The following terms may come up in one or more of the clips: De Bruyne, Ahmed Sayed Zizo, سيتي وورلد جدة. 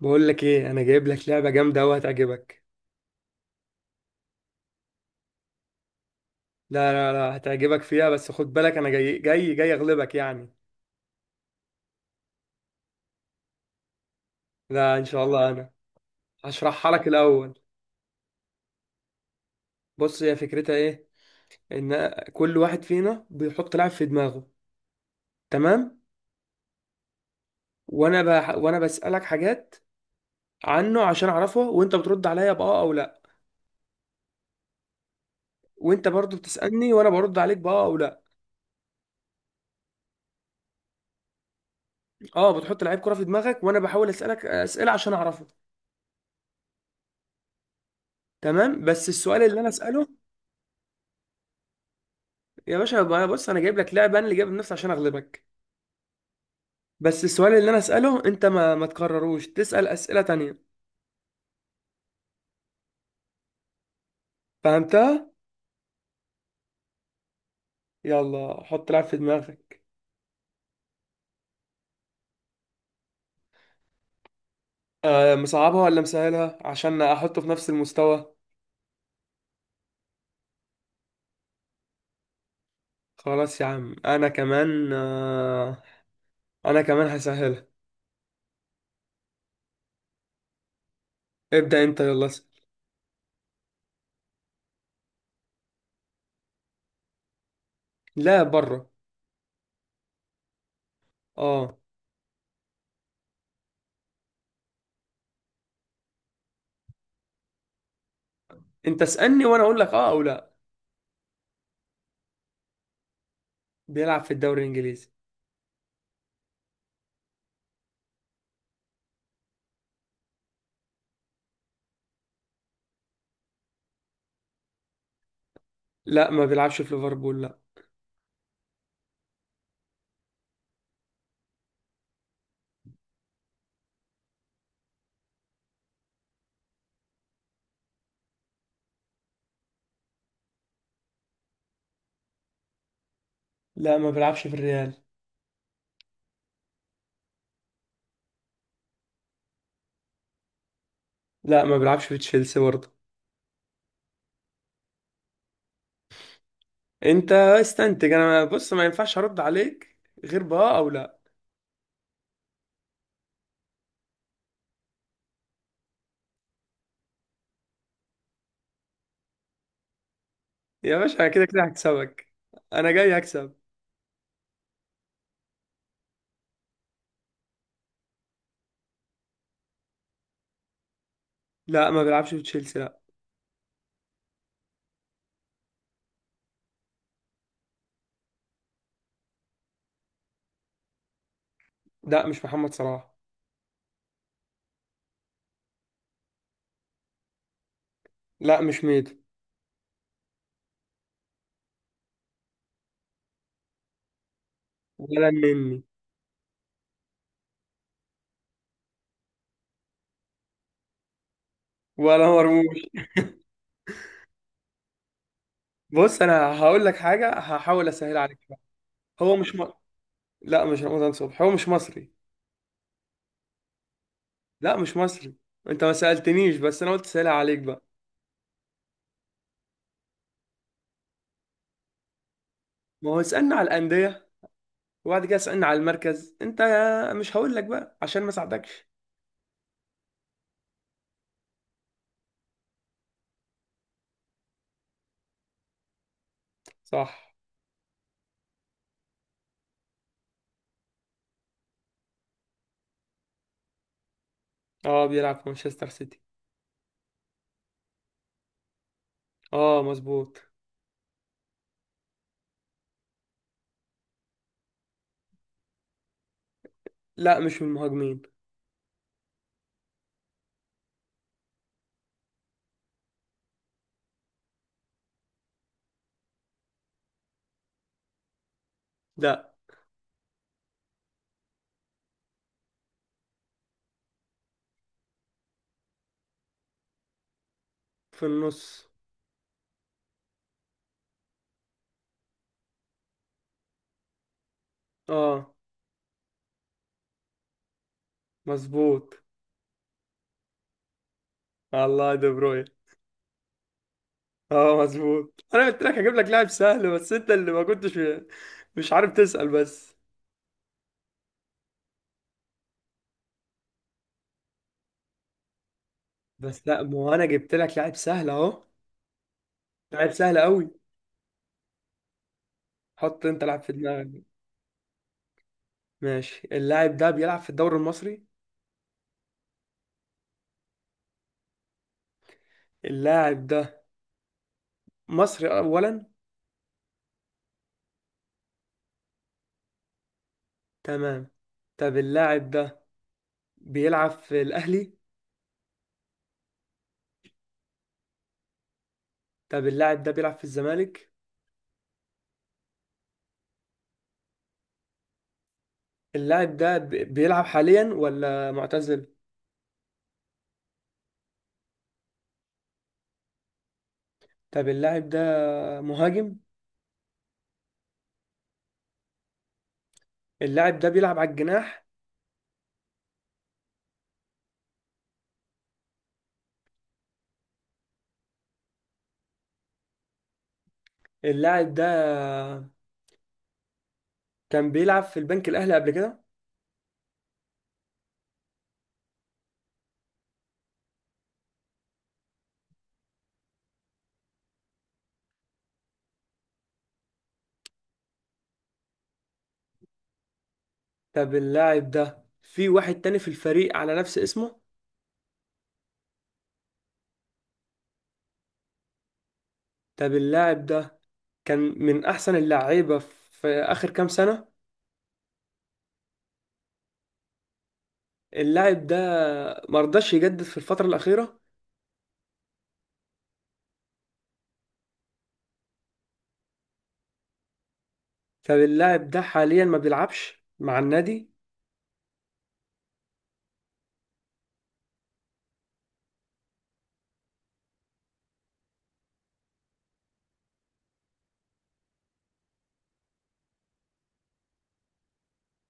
بقول لك ايه، انا جايب لك لعبه جامده قوي هتعجبك. لا هتعجبك فيها، بس خد بالك انا جاي اغلبك يعني. لا ان شاء الله انا هشرحها لك الاول. بص هي فكرتها ايه؟ ان كل واحد فينا بيحط لاعب في دماغه، تمام؟ وانا بسالك حاجات عنه عشان اعرفه، وانت بترد عليا باه او لا. وانت برضو بتسالني وانا برد عليك باه او لا. اه بتحط لعيب كره في دماغك وانا بحاول اسالك اسئله عشان اعرفه. تمام، بس السؤال اللي انا اساله، يا باشا ما انا بص انا جايب لك لعبه، انا اللي جايب نفسي عشان اغلبك. بس السؤال اللي انا اساله انت ما تكرروش، تسال اسئله تانية. فهمتها؟ يلا حط لعب في دماغك. مصعبها ولا مسهلها عشان احطه في نفس المستوى؟ خلاص يا عم انا كمان، انا كمان هسهلها. ابدا انت يلا اسال. لا بره. اه انت اسالني وانا اقول لك اه او لا. بيلعب في الدوري الانجليزي. لا ما بيلعبش في ليفربول، لا. لا ما بيلعبش في الريال. لا ما بيلعبش في تشيلسي برضه. انت استنتج، انا بص ما ينفعش ارد عليك غير باه او لا. يا باشا انا كده كده هكسبك، انا جاي هكسب. لا ما بيلعبش في تشيلسي، لا. لا مش محمد صلاح. لا مش ميدو. ولا النني. ولا مرموش. بص انا هقول لك حاجه، هحاول اسهل عليك بقى. هو مش م... لا مش رمضان صبحي، هو مش مصري. لا مش مصري. انت ما سالتنيش بس انا قلت سهلها عليك بقى. ما هو اسالنا على الانديه وبعد كده اسالنا على المركز، انت مش هقول لك بقى عشان ما ساعدكش. صح. اه بيلعب في مانشستر سيتي. اه مظبوط. لا مش من المهاجمين. لا. في النص. اه مظبوط. الله دي بروين. اه مظبوط، انا قلت لك هجيب لك لاعب سهل بس انت اللي ما كنتش مش عارف تسأل بس. بس لا ما هو انا جبت لك لاعب سهل اهو، لاعب سهل قوي. حط انت لاعب في دماغك. ماشي، اللاعب ده بيلعب في الدوري المصري. اللاعب ده مصري اولا. تمام. طب اللاعب ده بيلعب في الاهلي؟ طب اللاعب ده بيلعب في الزمالك؟ اللاعب ده بيلعب حاليا ولا معتزل؟ طب اللاعب ده مهاجم؟ اللاعب ده بيلعب على الجناح؟ اللاعب ده كان بيلعب في البنك الأهلي قبل كده؟ طب اللاعب ده في واحد تاني في الفريق على نفس اسمه؟ طب اللاعب ده كان من أحسن اللعيبة في آخر كام سنة؟ اللاعب ده مرضاش يجدد في الفترة الأخيرة؟ طب اللاعب ده حاليا ما بيلعبش مع النادي؟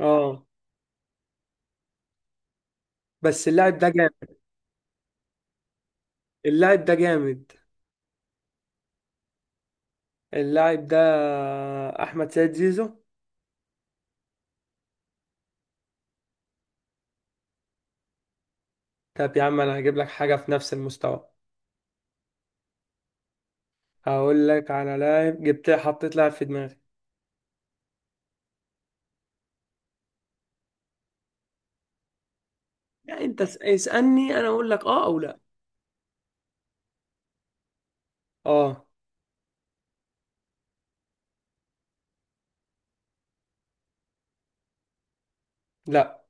اه بس اللاعب ده جامد. اللاعب ده جامد. اللاعب ده احمد سيد زيزو. طب يا عم انا هجيب لك حاجه في نفس المستوى، هقول لك على لاعب، جبت حطيت لاعب في دماغي. يعني انت اسالني انا اقول لك اه او لا. اه. لا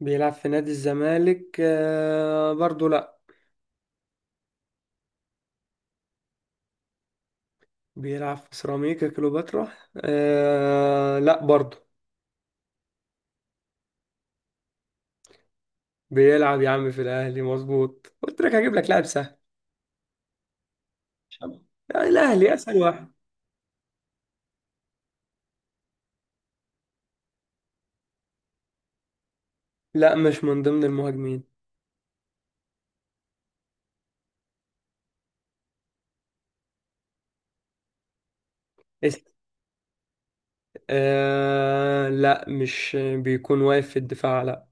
بيلعب في نادي الزمالك، برضو لا. بيلعب في سيراميكا كليوباترا، لا برضو. بيلعب يا عم في الاهلي مظبوط، قلت لك هجيب لك لاعب سهل. لا، الاهلي اسهل واحد. لا مش من ضمن المهاجمين. لا مش بيكون واقف في الدفاع، لا.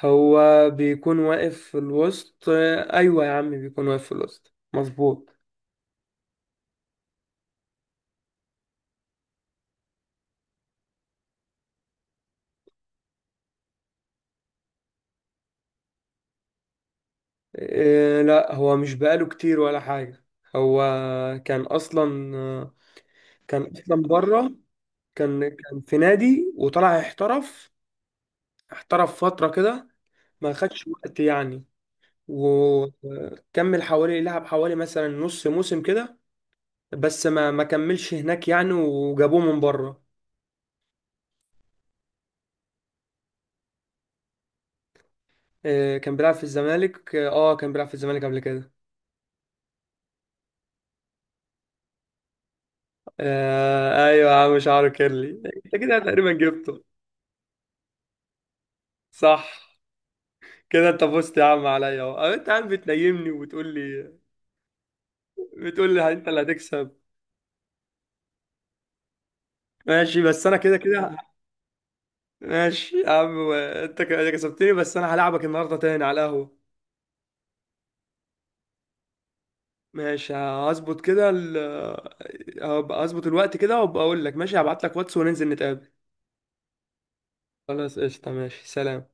هو بيكون واقف في الوسط، ايوه يا عم بيكون واقف في الوسط مظبوط. لا هو مش بقاله كتير ولا حاجة. هو كان اصلا، كان اصلا بره. كان في نادي وطلع احترف. احترف فترة كده، ما خدش وقت يعني. وكمل حوالي، لعب حوالي مثلا نص موسم كده، بس ما كملش هناك يعني، وجابوه من بره. كان بيلعب في الزمالك، اه كان بيلعب في الزمالك قبل كده. آه ايوه يا عم شعره كيرلي. انت كده تقريبا جبته، صح. كده انت فزت يا عم عليا اهو، انت عم بتنيمني وبتقول لي، بتقول لي انت اللي هتكسب. ماشي بس انا كده كده. ماشي يا عم انت كسبتني، بس انا هلعبك النهارده تاني على القهوه. ماشي هظبط كده هبقى هظبط الوقت كده وابقى اقول لك ماشي، هبعت لك واتس وننزل نتقابل. خلاص قشطة، ماشي، سلام.